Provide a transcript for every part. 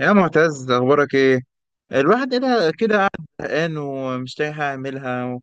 يا معتز اخبارك ايه؟ الواحد كده كده قاعد زهقان ومش لاقي حاجه اعملها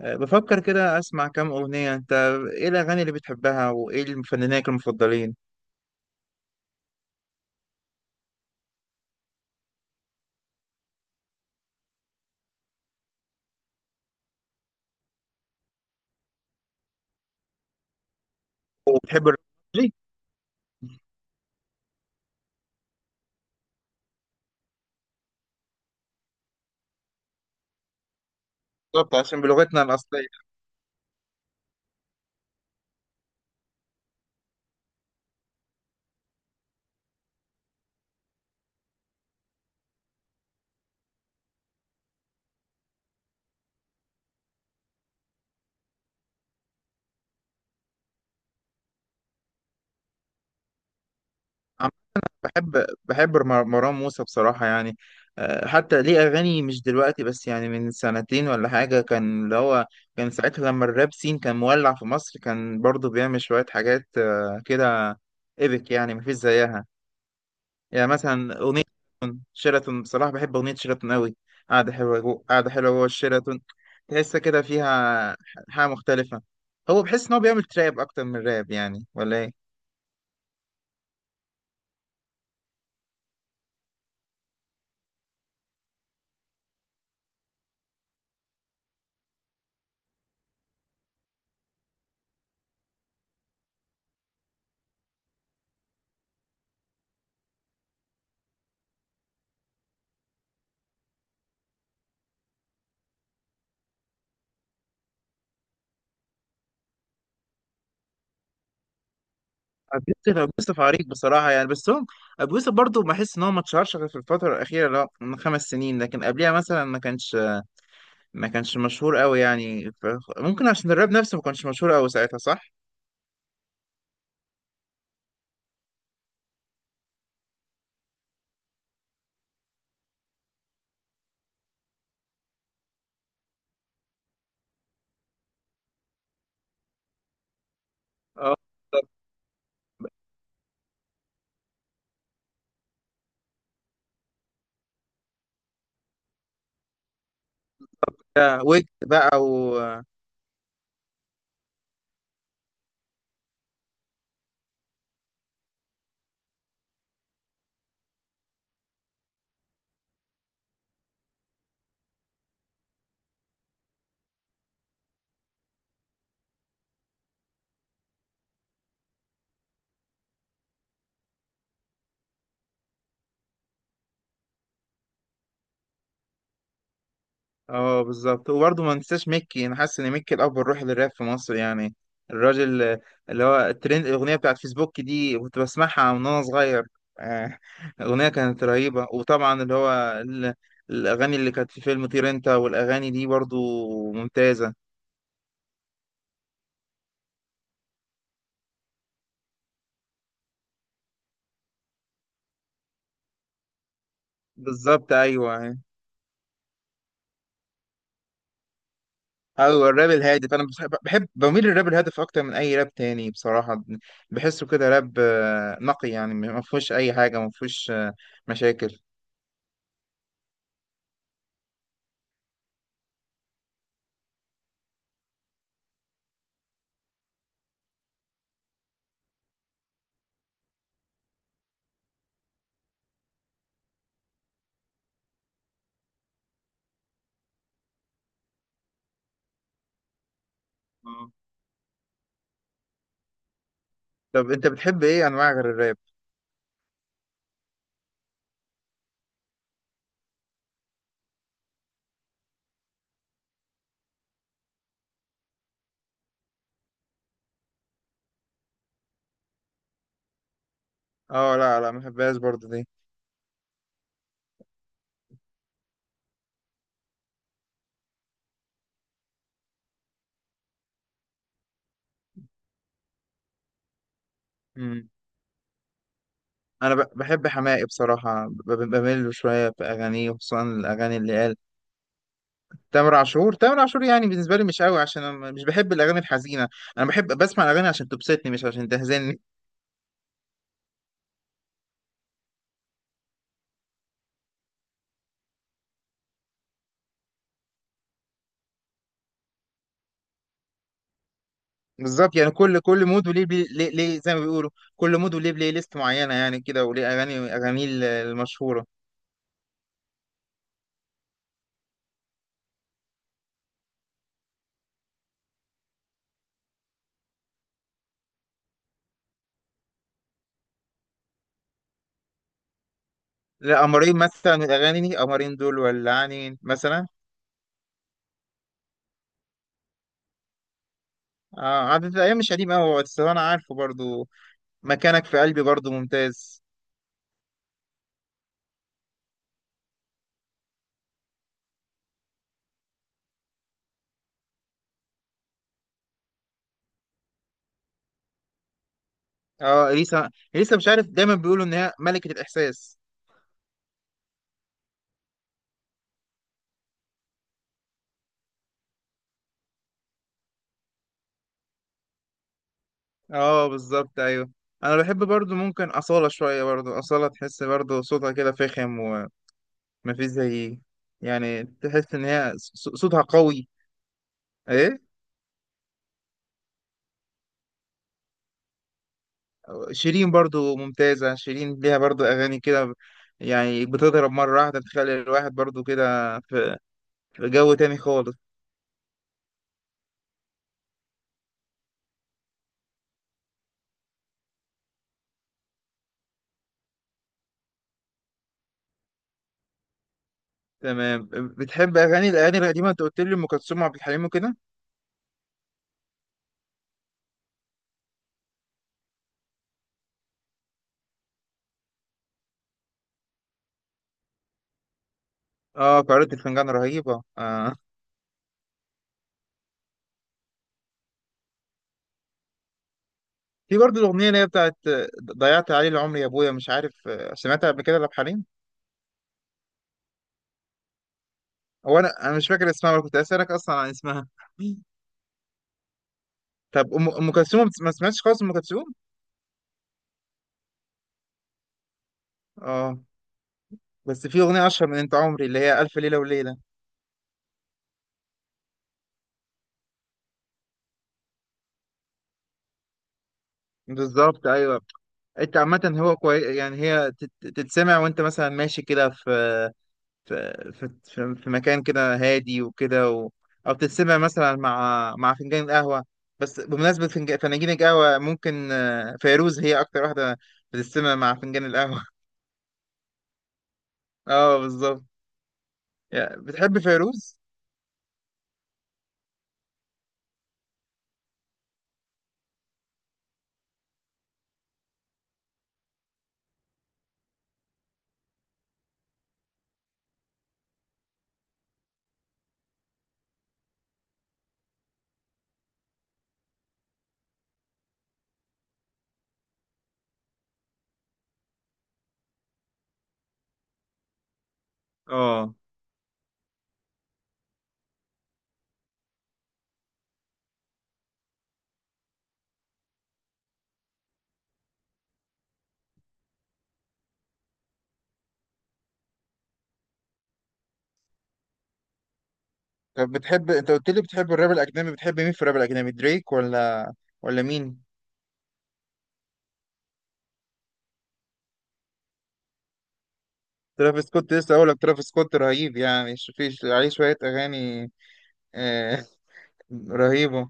بفكر كده اسمع كام اغنيه. انت ايه الاغاني اللي بتحبها وايه المفنانين المفضلين؟ وبتحب الر- ليه؟ بالظبط، عشان بلغتنا الاصليه. عم، بحب مروان موسى بصراحه يعني. حتى ليه اغاني مش دلوقتي بس، يعني من سنتين ولا حاجه، كان اللي هو كان ساعتها لما الراب سين كان مولع في مصر، كان برضه بيعمل شويه حاجات كده. ايبك يعني مفيش زيها. يعني مثلا أغنية شيراتون، بصراحة بحب أغنية شيراتون أوي. قاعدة حلوة جوه الشيراتون، تحس كده فيها حاجة مختلفة. هو بحس إن هو بيعمل تراب أكتر من راب يعني ولا إيه؟ أبو يوسف، أبو يوسف عريق بصراحة يعني. بس هو أبو يوسف برضه بحس إن هو ما اتشهرش غير في الفترة الأخيرة، اللي هو من خمس سنين، لكن قبليها مثلا ما كانش، ما كانش مشهور أوي يعني ممكن عشان الراب نفسه ما كانش مشهور أوي ساعتها، صح؟ اه، بالظبط. ويجز بقى. اه بالظبط، وبرضه ما ننساش ميكي، انا حاسس ان ميكي الاب الروحي للراب في مصر يعني. الراجل اللي هو الترند، الاغنيه بتاعت فيسبوك دي كنت بسمعها من وانا صغير. آه، الاغنيه كانت رهيبه، وطبعا اللي هو ال- الاغاني اللي كانت في فيلم طير انت والاغاني دي برضه ممتازه. بالظبط، ايوه. ايوه، الراب الهادف. انا بحب بميل للراب الهادف اكتر من اي راب تاني بصراحه. بحسه كده راب نقي يعني، ما فيهوش اي حاجه، ما فيهوش مشاكل. طب انت بتحب ايه انواع غير الراب؟ اه لا لا، ما بحبهاش برضه دي. امم، انا بحب حماقي بصراحه، بميل له شويه في اغانيه، وخصوصا الاغاني اللي قال. تامر عاشور، تامر عاشور يعني بالنسبه لي مش قوي، عشان انا مش بحب الاغاني الحزينه. انا بحب بسمع الاغاني عشان تبسطني، مش عشان تهزني. بالظبط، يعني كل مود وليه بلي ليه ليه، زي ما بيقولوا كل مود وليه بلاي ليست معينه، يعني كده. وليه اغاني، المشهوره. لا، قمرين مثلا من الاغاني دي، قمرين دول ولعانين مثلا. اه، عدد الايام مش قديم قوي، بس انا عارفه برضه. مكانك في قلبي برضو ممتاز. اه، اليسا. اليسا مش عارف، دايما بيقولوا ان هي ملكة الاحساس. اه بالظبط، ايوه. انا بحب برضو ممكن أصالة شوية، برضو أصالة تحس برضو صوتها كده فخم ومفيش زي. يعني تحس ان هي صوتها قوي. ايه، شيرين برضو ممتازة. شيرين ليها برضو اغاني كده، يعني بتضرب مرة واحدة، بتخلي الواحد برضو كده في في جو تاني خالص. تمام. بتحب اغاني، الاغاني القديمة انت قلت لي ام كلثوم وعبد الحليم وكده. اه قارئة الفنجان رهيبة آه. في برضه الأغنية اللي هي بتاعت ضيعت عليه العمر يا أبويا، مش عارف سمعتها قبل كده لعبد الحليم؟ هو أنا مش فاكر اسمها، ولا كنت أسألك أصلا عن اسمها. طب أم كلثوم، ما سمعتش خالص أم كلثوم؟ اه، بس في أغنية أشهر من أنت عمري، اللي هي ألف ليلة وليلة. بالظبط أيوه. أنت عامة هو كويس يعني، هي تتسمع وأنت مثلا ماشي كده في مكان كده هادي وكده او تتسمع مثلا مع مع فنجان القهوه. بس بمناسبه فناجين القهوه، ممكن فيروز هي اكتر واحده بتتسمع مع فنجان القهوه. اه بالظبط. يعني بتحب فيروز. اه. طب بتحب، انت قلت لي بتحب الراب الاجنبي، بتحب مين في الراب الاجنبي؟ دريك ولا مين؟ ترافيس سكوت، لسه اقول لك ترافيس سكوت رهيب يعني، في عليه شويه اغاني آه. رهيبه.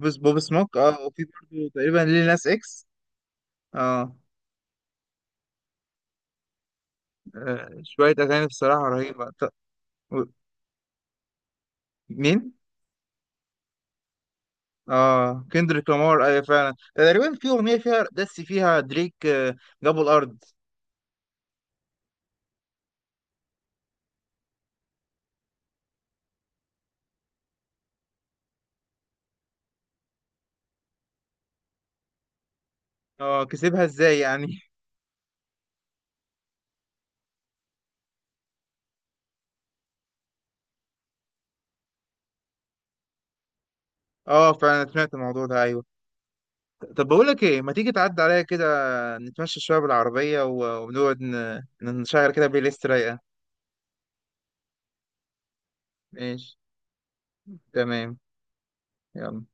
بوب سموك، اه. وفي برضه تقريبا ليل ناس اكس. اه، شوية أغاني بصراحة رهيبة، و- مين؟ اه كندريك لامار، أيوة فعلا. تقريبا في أغنية فيها دس فيها دريك، جابوا الأرض. اه، كسبها ازاي يعني؟ اه فعلا سمعت الموضوع ده، أيوة. طب بقول لك ايه، ما تيجي تعدي عليا كده، نتمشى شوية بالعربية، ونقعد نشغل كده بلاي ليست رايقة. ماشي. تمام. يلا.